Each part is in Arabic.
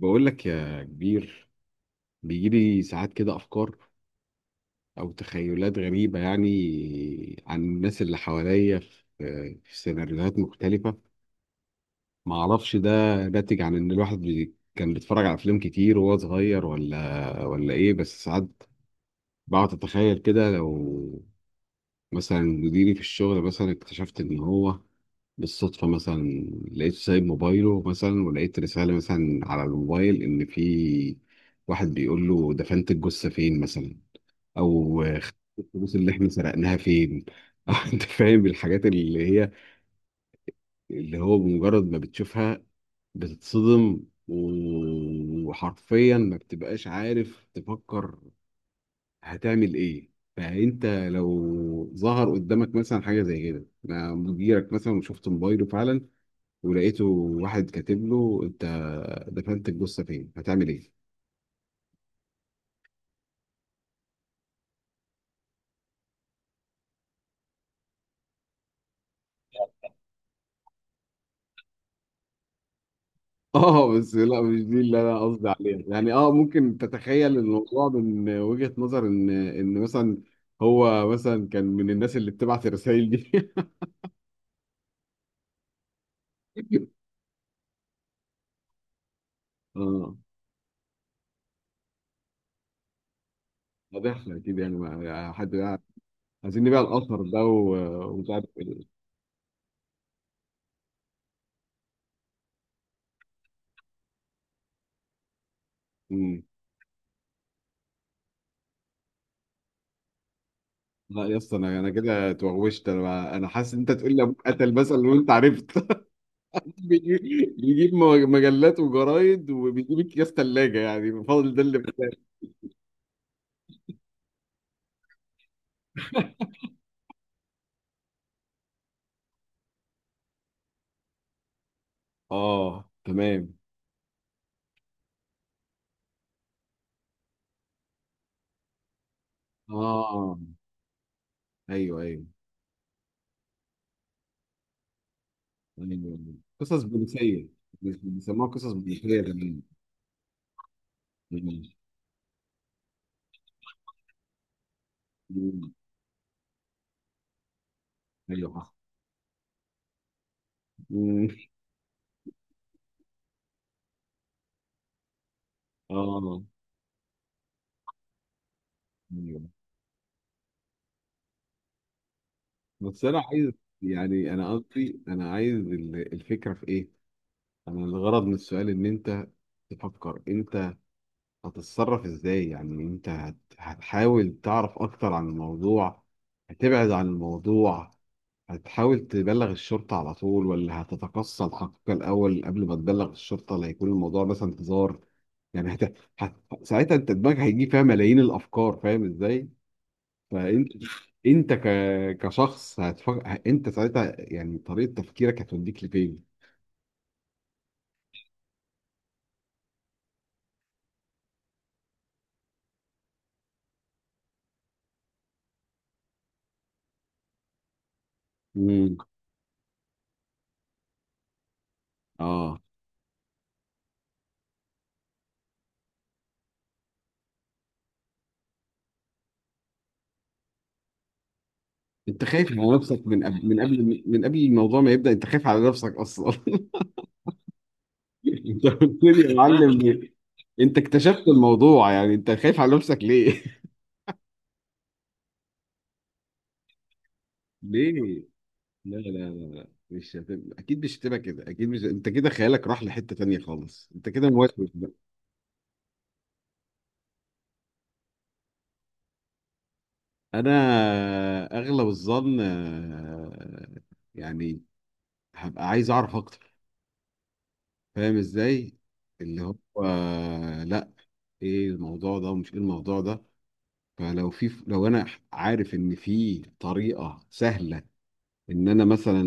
بقول لك يا كبير، بيجيلي ساعات كده أفكار أو تخيلات غريبة يعني عن الناس اللي حواليا في سيناريوهات مختلفة. معرفش ده ناتج عن إن الواحد كان بيتفرج على أفلام كتير وهو صغير ولا إيه، بس ساعات بقعد أتخيل كده لو مثلا مديري في الشغل مثلا اكتشفت إن هو بالصدفة مثلا، لقيت سايب موبايله مثلا ولقيت رسالة مثلا على الموبايل إن في واحد بيقول له دفنت الجثة فين مثلا، أو خدت الفلوس اللي إحنا سرقناها فين. أنت فاهم الحاجات اللي هو بمجرد ما بتشوفها بتتصدم، وحرفيا ما بتبقاش عارف تفكر هتعمل إيه. فأنت لو ظهر قدامك مثلا حاجة زي كده مع مديرك مثلا وشفت موبايله فعلا ولقيته واحد كاتب له انت دفنت الجثه فين، هتعمل ايه؟ اه بس لا، مش دي اللي انا قصدي عليها يعني. اه ممكن تتخيل الموضوع من وجهة نظر ان مثلا هو مثلا كان من الناس اللي بتبعت الرسائل دي. اه، واضح لك اكيد يعني حد بقى عايزين نبيع الاثر ده، ومش عارف ايه. مم. لا يا اسطى، انا كده اتوغوشت، انا حاسس ان انت تقول لي ابوك قتل مثلا وانت عرفت. بيجي- بيجيب مجلات وجرايد، وبيجيب اكياس ثلاجه يعني فاضل ده اللي بتاعي. اه تمام. اه ايوه، ايوه، ايوه، قصص بوليسيه، بيسموها قصص بوليسيه زمان. مم. ايوه صح. مم. اه ايوه. بس انا عايز يعني، انا قصدي انا عايز الفكره في ايه؟ انا الغرض من السؤال ان انت تفكر انت هتتصرف ازاي. يعني انت هتحاول تعرف اكتر عن الموضوع، هتبعد عن الموضوع، هتحاول تبلغ الشرطة على طول، ولا هتتقصى الحقيقة الأول قبل ما تبلغ الشرطة لا يكون الموضوع مثلا هزار؟ يعني ساعتها انت دماغك هيجي فيها ملايين الأفكار، فاهم ازاي؟ فانت انت كشخص هتفكر انت ساعتها، يعني طريقة تفكيرك هتوديك لفين؟ امم اه، انت خايف على نفسك من قبل الموضوع ما يبدأ، انت خايف على نفسك اصلا. انت قلت لي يا معلم، انت اكتشفت الموضوع، يعني انت خايف على نفسك ليه؟ ليه؟ لا لا لا لا، مش هتبقى اكيد، مش هتبقى كده اكيد. مش انت كده خيالك راح لحتة تانية خالص، انت كده موسوس بقى. انا اغلب الظن يعني هبقى عايز اعرف اكتر، فاهم ازاي؟ اللي هو لا، ايه الموضوع ده ومش ايه الموضوع ده. فلو في لو انا عارف ان في طريقه سهله ان انا مثلا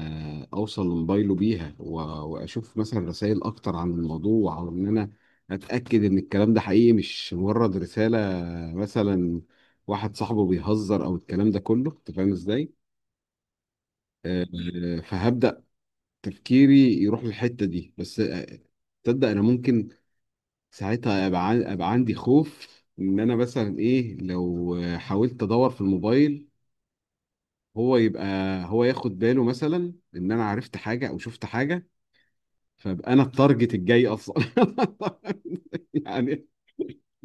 اوصل لموبايله بيها واشوف مثلا رسائل اكتر عن الموضوع، او ان انا اتاكد ان الكلام ده حقيقي مش مجرد رساله مثلا واحد صاحبه بيهزر، او الكلام ده كله، انت فاهم ازاي؟ آه، فهبدا تفكيري يروح للحته دي. بس تصدق انا ممكن ساعتها ابقى أبقى عندي خوف ان انا مثلا ايه، لو حاولت ادور في الموبايل، هو يبقى هو ياخد باله مثلا ان انا عرفت حاجه او شفت حاجه، فابقى انا التارجت الجاي اصلا. يعني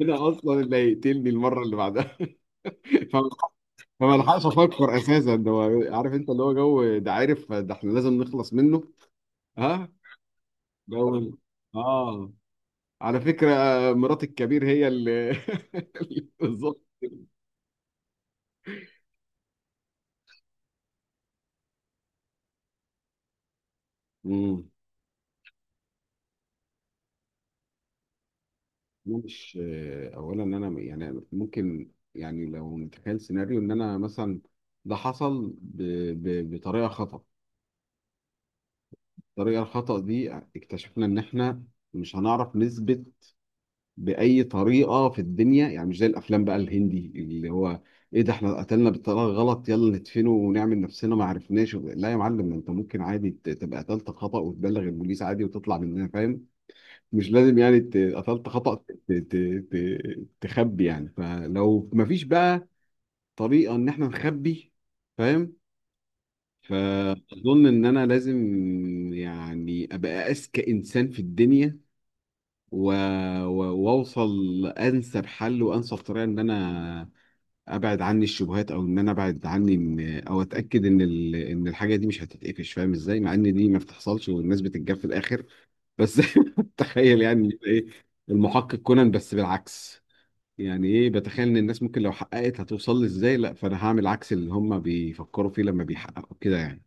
انا اصلا اللي هيقتلني المره اللي بعدها. فما فما الحقش افكر اساسا، ده هو عارف، انت اللي هو جو ده، عارف، ده احنا لازم نخلص منه. ها، جو ال- اه، على فكره مرات الكبير هي اللي بالظبط. انا مش، اولا ان انا يعني ممكن، يعني لو نتخيل سيناريو ان انا مثلا ده حصل بطريقه خطا، الطريقه الخطا دي اكتشفنا ان احنا مش هنعرف نثبت باي طريقه في الدنيا. يعني مش زي الافلام بقى الهندي اللي هو ايه ده، احنا قتلنا بالطريقه الغلط، يلا ندفنه ونعمل نفسنا ما عرفناش. لا يا معلم، انت ممكن عادي تبقى قتلت خطا وتبلغ البوليس عادي وتطلع مننا، فاهم؟ مش لازم يعني ت- قتلت خطأ ت- ت- ت- تخبي يعني. فلو مفيش بقى طريقة ان احنا نخبي، فاهم، فاظن ان انا لازم يعني ابقى اذكى انسان في الدنيا و... و... واوصل لانسب حل وانسب طريقة ان انا ابعد عني الشبهات، او ان انا ابعد عني او اتاكد ان ان الحاجة دي مش هتتقفش، فاهم ازاي؟ مع ان دي ما بتحصلش والناس بتتجاب في الاخر، بس تخيل يعني، يبقى ايه، المحقق كونان بس بالعكس. يعني ايه، بتخيل ان الناس ممكن لو حققت هتوصل لي ازاي، لا فانا هعمل عكس اللي هم بيفكروا فيه لما بيحققوا كده يعني.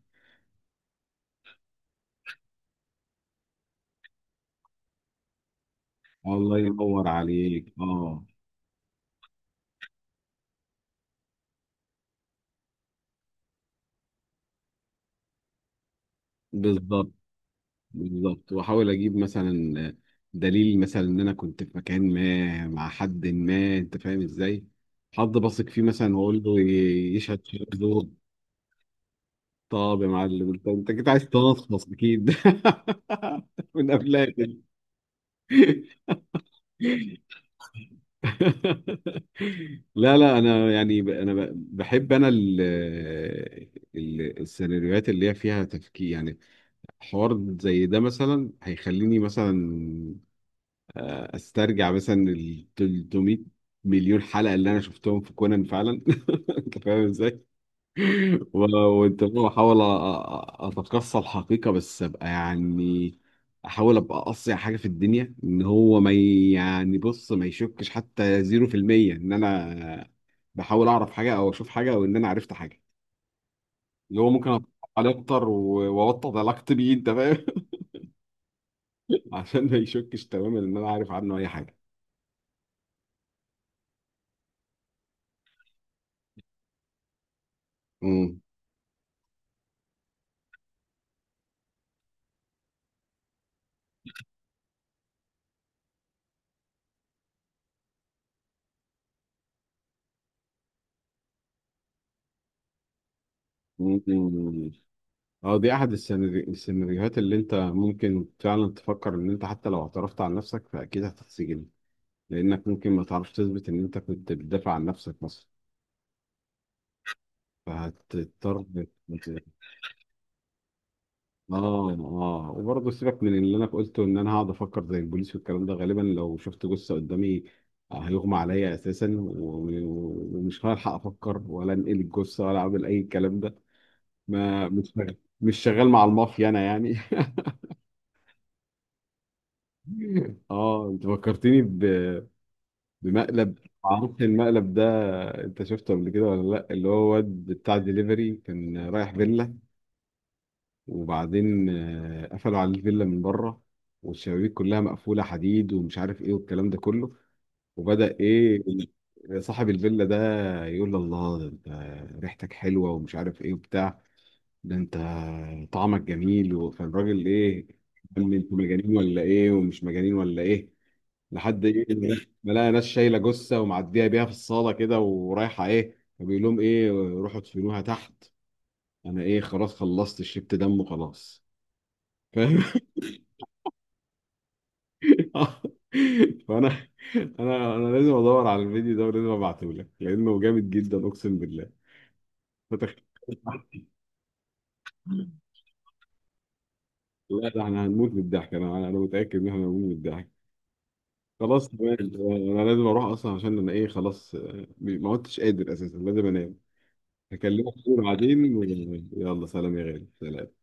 الله ينور عليك. اه بالظبط، بالظبط، واحاول اجيب مثلا دليل مثلا ان انا كنت في مكان ما مع حد ما، انت فاهم ازاي؟ حد بثق فيه مثلا واقول له يشهد شهاده زور. طب يا معلم، انت كنت عايز تنصف اكيد من قبلها كده. لا لا، انا يعني بحب انا السيناريوهات اللي هي فيها تفكير يعني. حوار زي ده مثلا هيخليني مثلا استرجع مثلا ال 300 مليون حلقه اللي انا شفتهم في كونان فعلا. انت فاهم ازاي؟ و- وانت فاهم، احاول اتقصى الحقيقه. بس ابقى يعني احاول ابقى اقصى حاجه في الدنيا ان هو ما يعني بص، ما يشكش حتى 0% ان انا بحاول اعرف حاجه او اشوف حاجه او ان انا عرفت حاجه، اللي هو ممكن اتفرج عليه اكتر واوطد علاقتي بيه، انت فاهم؟ عشان ما يشكش تماما ان انا عارف عنه اي حاجه. امم أمم. اه دي احد السيناريوهات اللي انت ممكن فعلا تفكر ان انت حتى لو اعترفت عن نفسك فاكيد هتتسجن، لانك ممكن ما تعرفش تثبت ان انت كنت بتدافع عن نفسك مثلا، فهتضطر. اه اه، وبرضه سيبك من اللي انا قلته ان انا هقعد افكر زي البوليس والكلام ده. غالبا لو شفت جثه قدامي هيغمى عليا اساسا، و- ومش هلحق افكر ولا انقل الجثه ولا اعمل اي الكلام ده. ما مش شغال، مش شغال مع المافيا انا يعني. اه انت فكرتني بمقلب. معرفش المقلب ده انت شفته قبل كده ولا لا، اللي هو واد بتاع دليفري كان رايح فيلا، وبعدين قفلوا عليه الفيلا من بره والشبابيك كلها مقفولة حديد ومش عارف ايه والكلام ده كله، وبدأ ايه، صاحب الفيلا ده يقول له، الله ده انت ريحتك حلوة ومش عارف ايه وبتاع، ده انت طعمك جميل، فالراجل ايه، قال لي انتوا مجانين ولا ايه ومش مجانين ولا ايه، لحد ايه، ما لقى ناس شايلة جثة ومعدية بيها في الصالة كده ورايحة ايه، فبيقول لهم ايه، روحوا ادفنوها تحت انا ايه خلاص خلصت شربت دم وخلاص، فاهم؟ آه. فانا انا لازم ادور على الفيديو ده ولازم ابعته لك لانه جامد جدا اقسم بالله. فتخ... لا ده احنا هنموت من الضحك، انا متاكد ان احنا هنموت من الضحك. خلاص تمام، انا لازم اروح اصلا عشان انا ايه خلاص، ما عدتش قادر اساسا، لازم انام. هكلمك بعدين يلا سلام يا غالي، سلام.